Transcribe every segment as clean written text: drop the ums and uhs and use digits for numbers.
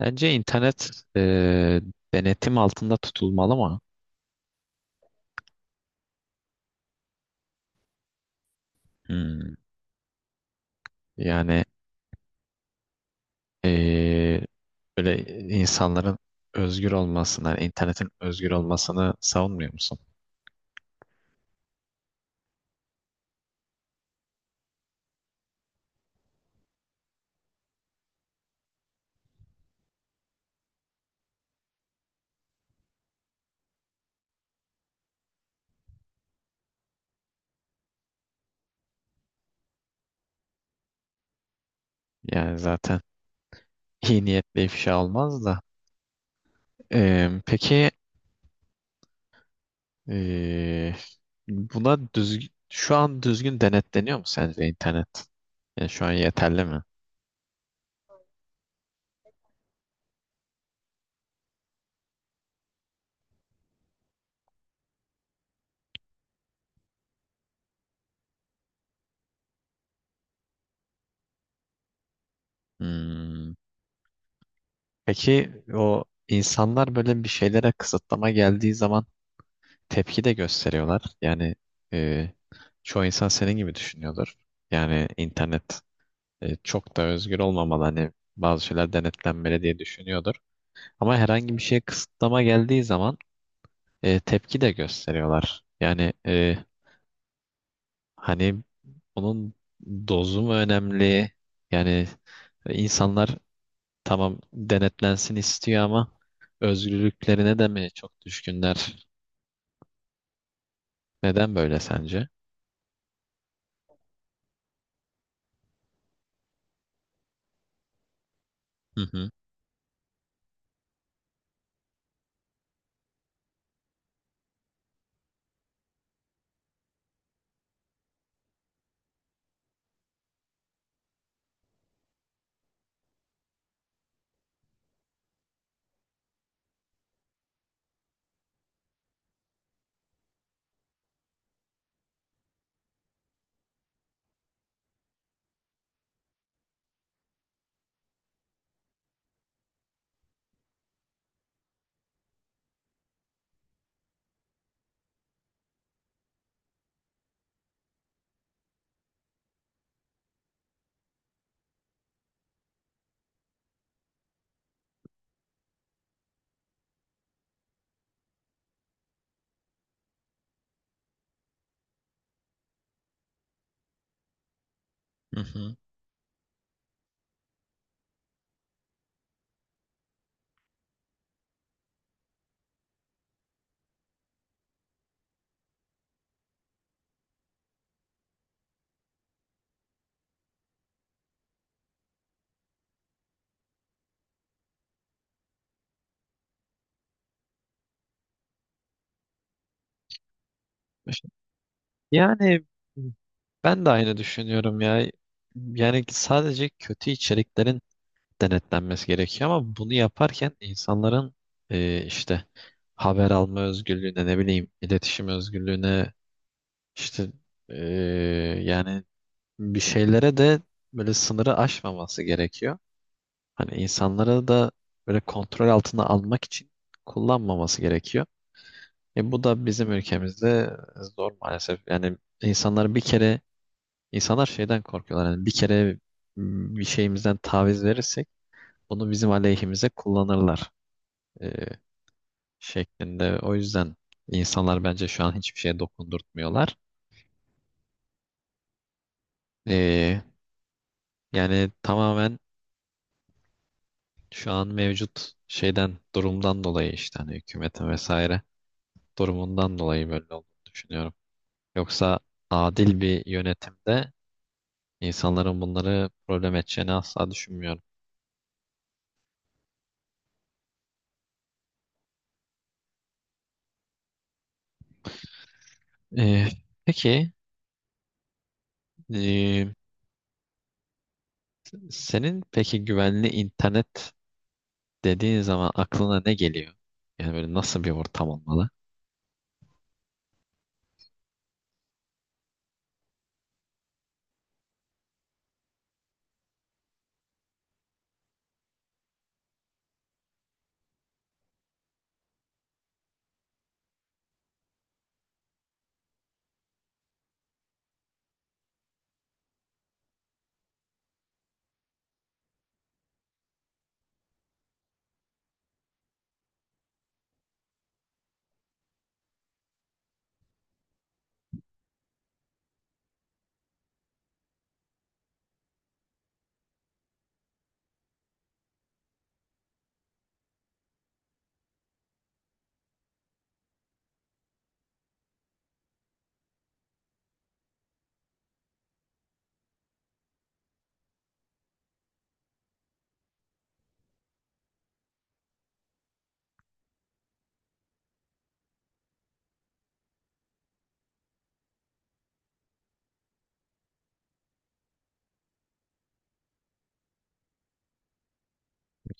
Bence internet e, denetim altında tutulmalı mı? Hmm. Yani e, böyle insanların özgür olmasını, yani internetin özgür olmasını savunmuyor musun? Yani zaten iyi niyetle ifşa olmaz da. Peki e, buna düzgün, şu an düzgün denetleniyor mu sence internet? Yani şu an yeterli mi? Hmm. Peki o insanlar böyle bir şeylere kısıtlama geldiği zaman tepki de gösteriyorlar. Yani e, çoğu insan senin gibi düşünüyordur. Yani internet çok da özgür olmamalı. Hani bazı şeyler denetlenmeli diye düşünüyordur. Ama herhangi bir şeye kısıtlama geldiği zaman tepki de gösteriyorlar. Yani hani onun dozu mu önemli? Yani insanlar tamam denetlensin istiyor ama özgürlüklerine de mi çok düşkünler? Neden böyle sence? Hı hı. Hı hı. Yani ben de aynı düşünüyorum ya. Yani sadece kötü içeriklerin denetlenmesi gerekiyor ama bunu yaparken insanların işte haber alma özgürlüğüne ne bileyim iletişim özgürlüğüne işte, e, yani bir şeylere de böyle sınırı aşmaması gerekiyor. Hani insanları da böyle kontrol altına almak için kullanmaması gerekiyor. Bu da bizim ülkemizde zor maalesef. Yani insanlar bir kere. İnsanlar şeyden korkuyorlar. Yani bir kere bir şeyimizden taviz verirsek bunu bizim aleyhimize kullanırlar e, şeklinde. O yüzden insanlar bence şu an hiçbir şeye dokundurtmuyorlar. E, Yani tamamen şu an mevcut şeyden durumdan dolayı işte hani hükümetin vesaire durumundan dolayı böyle olduğunu düşünüyorum. Yoksa adil bir yönetimde insanların bunları problem edeceğini asla düşünmüyorum. E, peki e, Senin peki güvenli internet dediğin zaman aklına ne geliyor? Yani böyle nasıl bir ortam olmalı?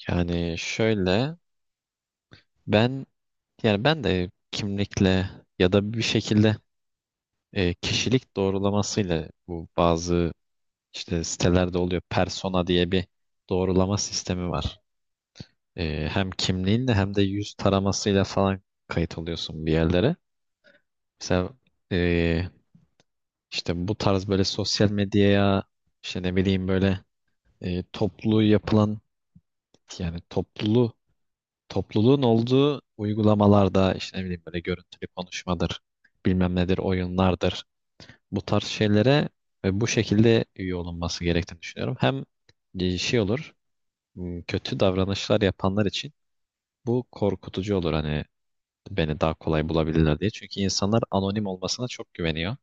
Yani şöyle, ben ben de kimlikle ya da bir şekilde kişilik doğrulamasıyla, bu bazı işte sitelerde oluyor, persona diye bir doğrulama sistemi var. Hem kimliğinle hem de yüz taramasıyla falan kayıt oluyorsun bir yerlere. Mesela e, işte bu tarz böyle sosyal medyaya, işte ne bileyim böyle toplu yapılan, yani topluluğun olduğu uygulamalarda, işte ne bileyim böyle görüntülü konuşmadır, bilmem nedir, oyunlardır. Bu tarz şeylere ve bu şekilde üye olunması gerektiğini düşünüyorum. Hem şey olur, kötü davranışlar yapanlar için bu korkutucu olur, hani beni daha kolay bulabilirler diye. Çünkü insanlar anonim olmasına çok güveniyor.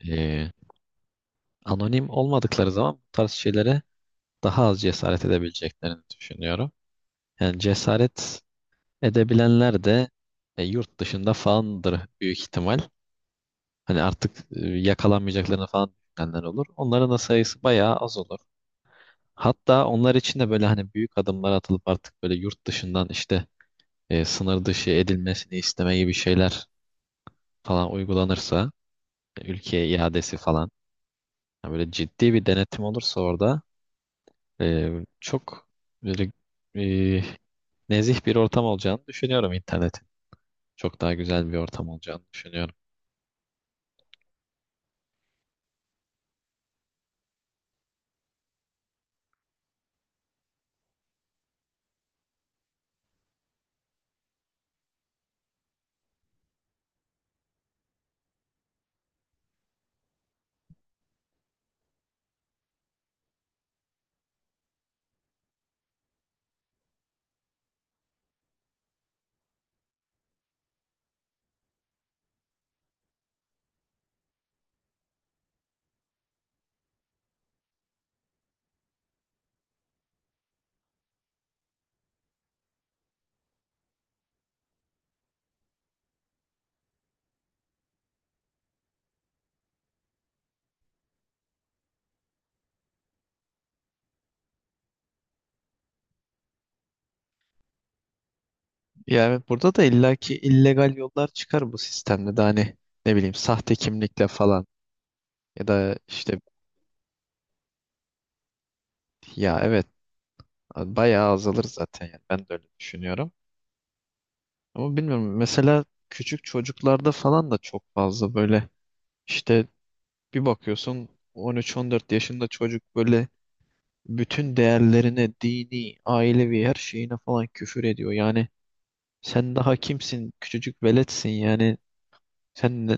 E, Anonim olmadıkları zaman bu tarz şeylere daha az cesaret edebileceklerini düşünüyorum. Yani cesaret edebilenler de yurt dışında falandır büyük ihtimal. Hani artık yakalanmayacaklarını falan düşünenler olur. Onların da sayısı bayağı az olur. Hatta onlar için de böyle, hani büyük adımlar atılıp artık böyle yurt dışından, işte sınır dışı edilmesini isteme gibi şeyler falan uygulanırsa, ülkeye iadesi falan, yani böyle ciddi bir denetim olursa orada e, çok böyle e, nezih bir ortam olacağını düşünüyorum internetin. Çok daha güzel bir ortam olacağını düşünüyorum. Ya evet, burada da illaki illegal yollar çıkar bu sistemde de, hani ne bileyim sahte kimlikle falan ya da işte. Ya evet, bayağı azalır zaten, yani ben de öyle düşünüyorum. Ama bilmiyorum, mesela küçük çocuklarda falan da çok fazla böyle işte, bir bakıyorsun 13-14 yaşında çocuk böyle bütün değerlerine, dini, ailevi her şeyine falan küfür ediyor. Yani sen daha kimsin? Küçücük veletsin yani. Sen ne-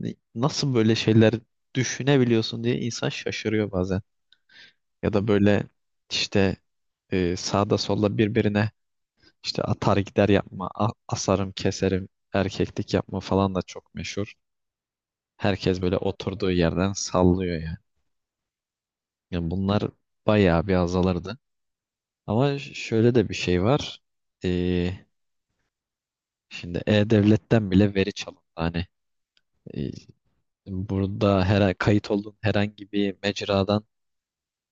ne- nasıl böyle şeyler düşünebiliyorsun diye insan şaşırıyor bazen. Ya da böyle işte sağda solda birbirine işte atar gider yapma, asarım keserim, erkeklik yapma falan da çok meşhur. Herkes böyle oturduğu yerden sallıyor yani. Yani bunlar bayağı bir azalırdı. Ama şöyle de bir şey var. E, Şimdi E-Devlet'ten bile veri çalındı. Hani e, burada her kayıt olduğun herhangi bir mecradan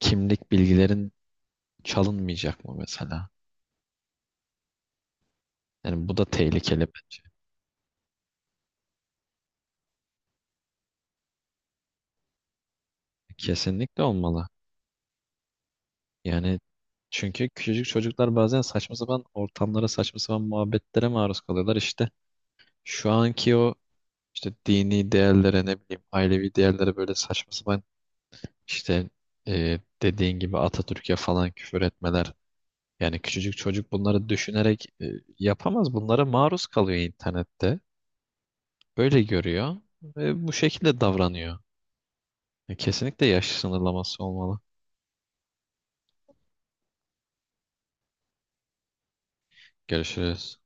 kimlik bilgilerin çalınmayacak mı mesela? Yani bu da tehlikeli bence. Kesinlikle olmalı. Yani çünkü küçücük çocuklar bazen saçma sapan ortamlara, saçma sapan muhabbetlere maruz kalıyorlar. İşte şu anki o işte dini değerlere, ne bileyim ailevi değerlere, böyle saçma sapan işte, dediğin gibi Atatürk'e falan küfür etmeler. Yani küçücük çocuk bunları düşünerek yapamaz. Bunlara maruz kalıyor internette. Böyle görüyor ve bu şekilde davranıyor. Kesinlikle yaş sınırlaması olmalı. Görüşürüz.